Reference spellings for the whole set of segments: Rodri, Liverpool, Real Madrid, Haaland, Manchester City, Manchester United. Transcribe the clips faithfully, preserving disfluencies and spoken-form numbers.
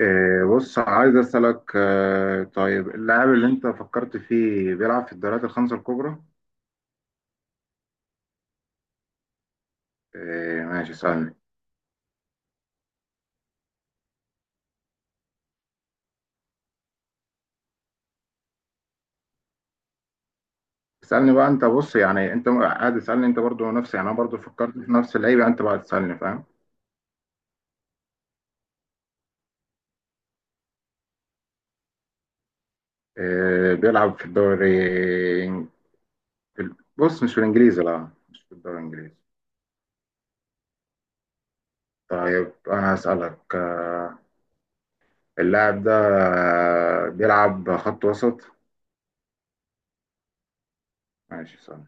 إيه، بص عايز أسألك آه، طيب اللاعب اللي أنت فكرت فيه بيلعب في الدوريات الخمسة الكبرى؟ إيه، ماشي اسألني. اسألني بقى أنت، بص يعني أنت قاعد اسألني، أنت برضو نفسي يعني أنا برضو فكرت في نفس اللعيبة، أنت بقى تسألني فاهم؟ إيه، بيلعب في الدوري. في ال- بص مش في الإنجليزي، لا مش في الدوري الإنجليزي. طيب أنا هسألك، آه، اللاعب ده آه، بيلعب خط وسط؟ ماشي اسألني.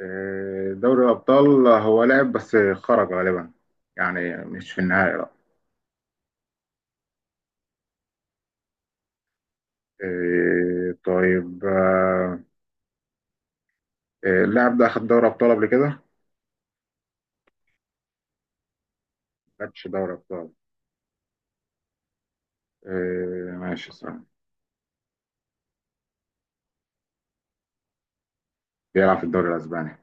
آه، دوري الأبطال هو لعب بس خرج غالبا، يعني مش في النهائي لا. آه، طيب. آه، آه، اللاعب ده أخد دوري أبطال قبل كده؟ ما خدش دوري أبطال. آه، ماشي صح. بيلعب في الدوري الأسباني.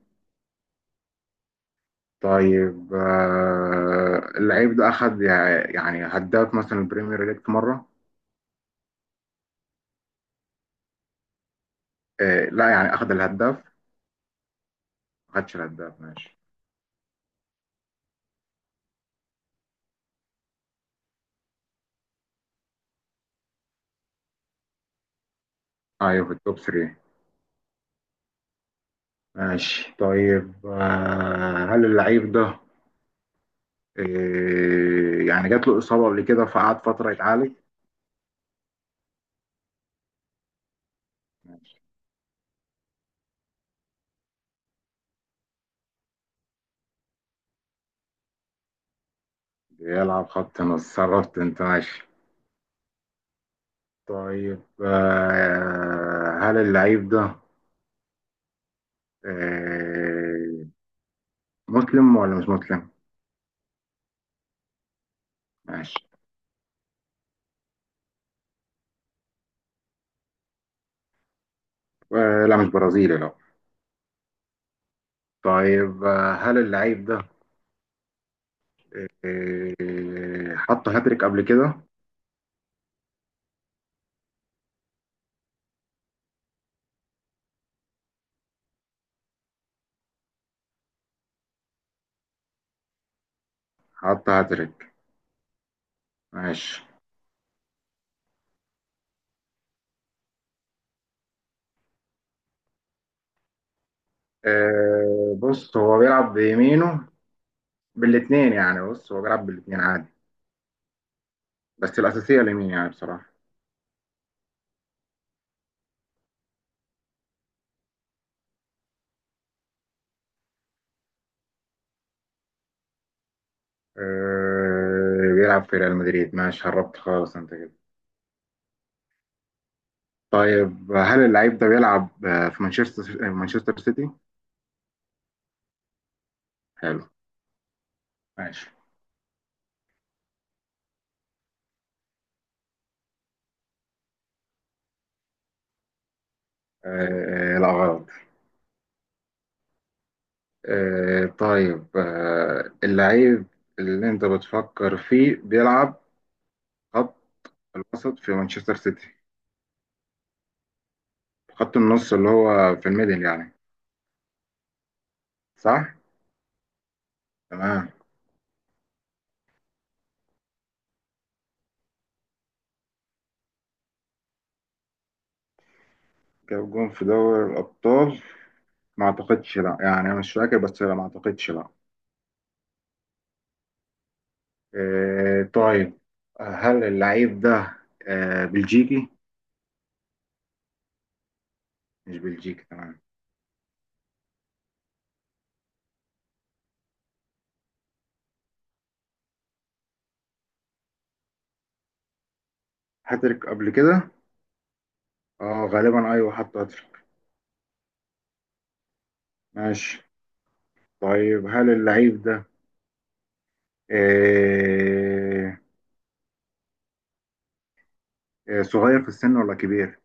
طيب، آه، اللعيب ده أخد يع- يعني هداف مثلا البريمير ليج في مرة. آه، لا يعني أخد الهداف؟ ما خدش الهداف ماشي. أيوه في التوب تلاتة. ماشي طيب، آه، هل اللعيب ده، إيه يعني، جات له إصابة قبل كده فقعد فترة يتعالج؟ بيلعب خط نص، صرفت أنت ماشي. طيب آه هل اللعيب ده آه مسلم ولا مش مسلم؟ ماشي. آه لا مش برازيلي لا. طيب آه هل اللعيب ده آه حط هاتريك قبل كده؟ حط هاتريك ماشي. آه بص هو بيلعب بيمينه. بالاتنين يعني، بص هو بيلعب بالاتنين عادي. بس الأساسية اليمين يعني بصراحة. آه، بيلعب في ريال مدريد. ماشي هربت خالص انت كده. طيب هل اللعيب ده بيلعب آه، في مانشستر مانشستر سيتي؟ حلو ماشي. آه، لا غلط. آه، طيب. آه، اللعيب اللي انت بتفكر فيه بيلعب خط الوسط في مانشستر سيتي. خط النص اللي هو في الميدل يعني، صح؟ تمام. جاب جون في دوري الأبطال؟ ما أعتقدش لا، يعني أنا مش فاكر بس لا ما أعتقدش لا. آه، طيب، هل اللعيب ده آه، بلجيكي؟ مش بلجيكي تمام. هاتريك قبل كده؟ اه غالبا ايوه، حط هاتريك. ماشي. طيب هل اللعيب ده آه، آه، صغير في السن ولا كبير؟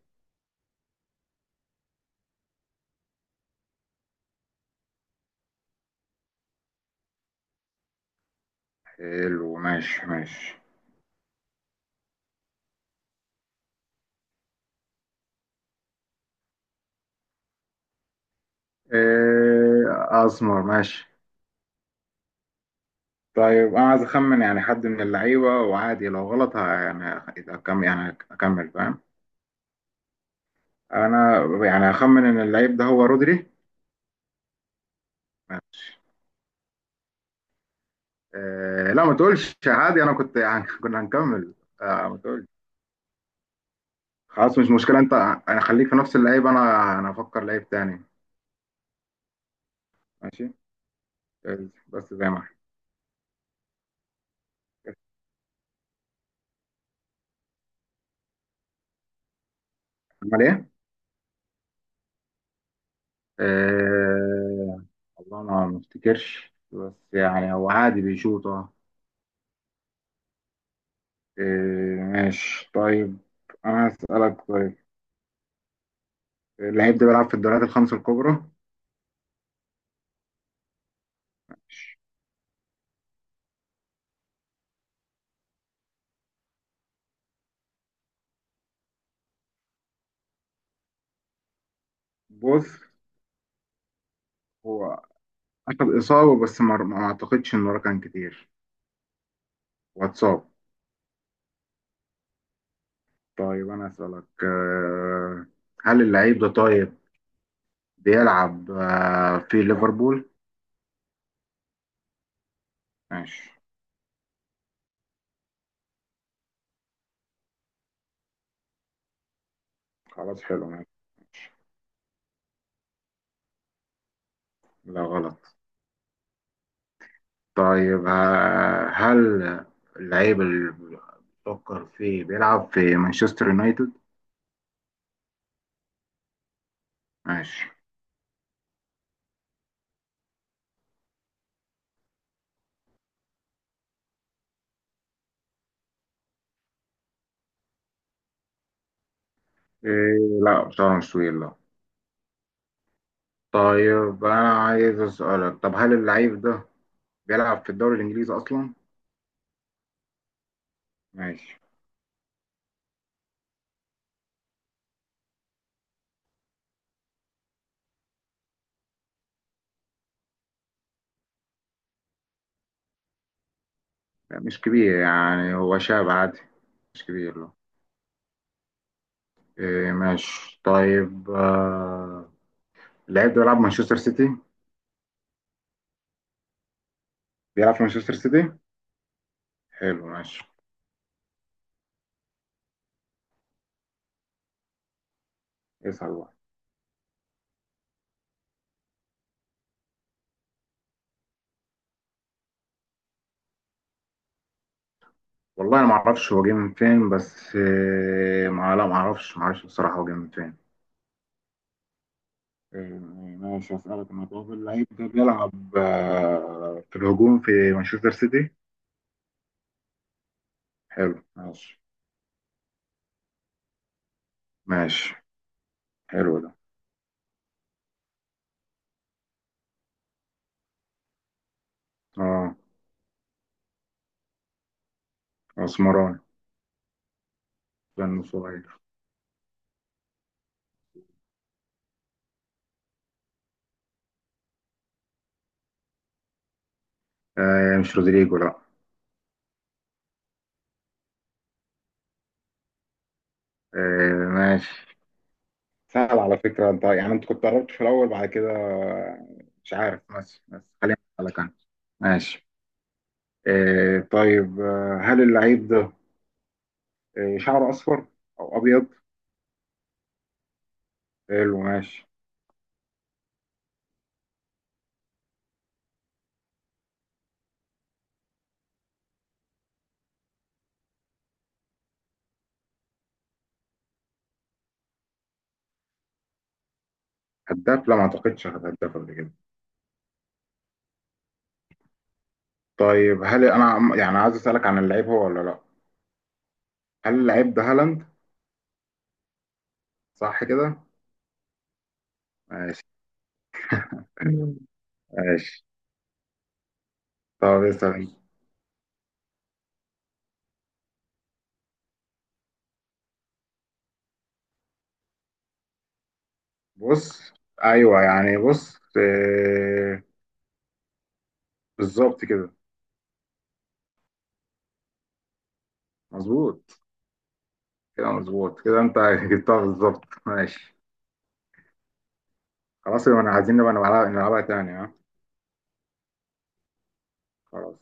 حلو ماشي ماشي. آه، اسمر ماشي. طيب انا عايز اخمن يعني حد من اللعيبه، وعادي لو غلط ه- يعني اكمل، يعني اكمل فاهم. انا يعني هخمن ان اللعيب ده هو رودري. آه لا ما تقولش، عادي انا كنت يعني كنا هنكمل. آه ما تقولش. خلاص مش مشكله انت. انا خليك في نفس اللعيب، انا انا افكر لعيب تاني. ماشي، بس زي ما احنا. عمل ايه؟ آه والله انا ما افتكرش، بس يعني هو عادي بيشوط. اه. آه، ماشي طيب. انا هسألك طيب، اللعيب ده بيلعب في الدوريات الخمس الكبرى. بص هو أخد إصابة، بس ما ما أعتقدش إن وراه كان كتير. هو اتصاب. طيب أنا أسألك آه، هل اللعيب ده طيب بيلعب آه، في ليفربول؟ ماشي. خلاص حلو ماشي. لا غلط. طيب آه، هل اللعيب اللي بتفكر فيه بيلعب في مانشستر يونايتد؟ ماشي. إيه لا بصراحة مش طويل لا. طيب أنا عايز أسألك، طب هل اللعيب ده بيلعب في الدوري الإنجليزي أصلا؟ ماشي. لا، مش كبير يعني هو شاب عادي، مش كبير لا. إيه ماشي طيب. آه... اللاعب ده بيلعب مانشستر سيتي. بيلعب في مانشستر سيتي. حلو ماشي، اسأل بقى. والله انا ما اعرفش هو جه من فين، بس إيه ما، لا ما اعرفش، ما اعرفش بصراحة هو جه من فين. إيه ماشي، اسألك انا طب اللعيب ده بيلعب آه... في الهجوم في مانشستر سيتي. حلو ماشي ماشي. حلو ده. اه اسمراني، كان صغير. آه مش رودريجو لا. آه ماشي. سهل على فكرة انت، يعني انت كنت قربت في الأول بعد كده، مش عارف، بس بس خليني أسألك أنا. ماشي. إيه طيب، آه، هل اللعيب ده آه، شعره أصفر أو أبيض؟ حلو ماشي. هداف؟ لا ما أعتقدش هداف قبل كده. طيب هل أنا عم- يعني عايز أسألك عن اللعيب، هو ولا لا؟ هل اللعيب ده هالاند، صح كده؟ ماشي. مم. ماشي. طب اسأل. بص أيوه يعني، بص آه، بالظبط كده. مظبوط. كده مظبوط كده انت جبتها بالظبط ماشي. خلاص يبقى انا عايزين نبقى نلعبها نلعبها تاني، ها؟ خلاص.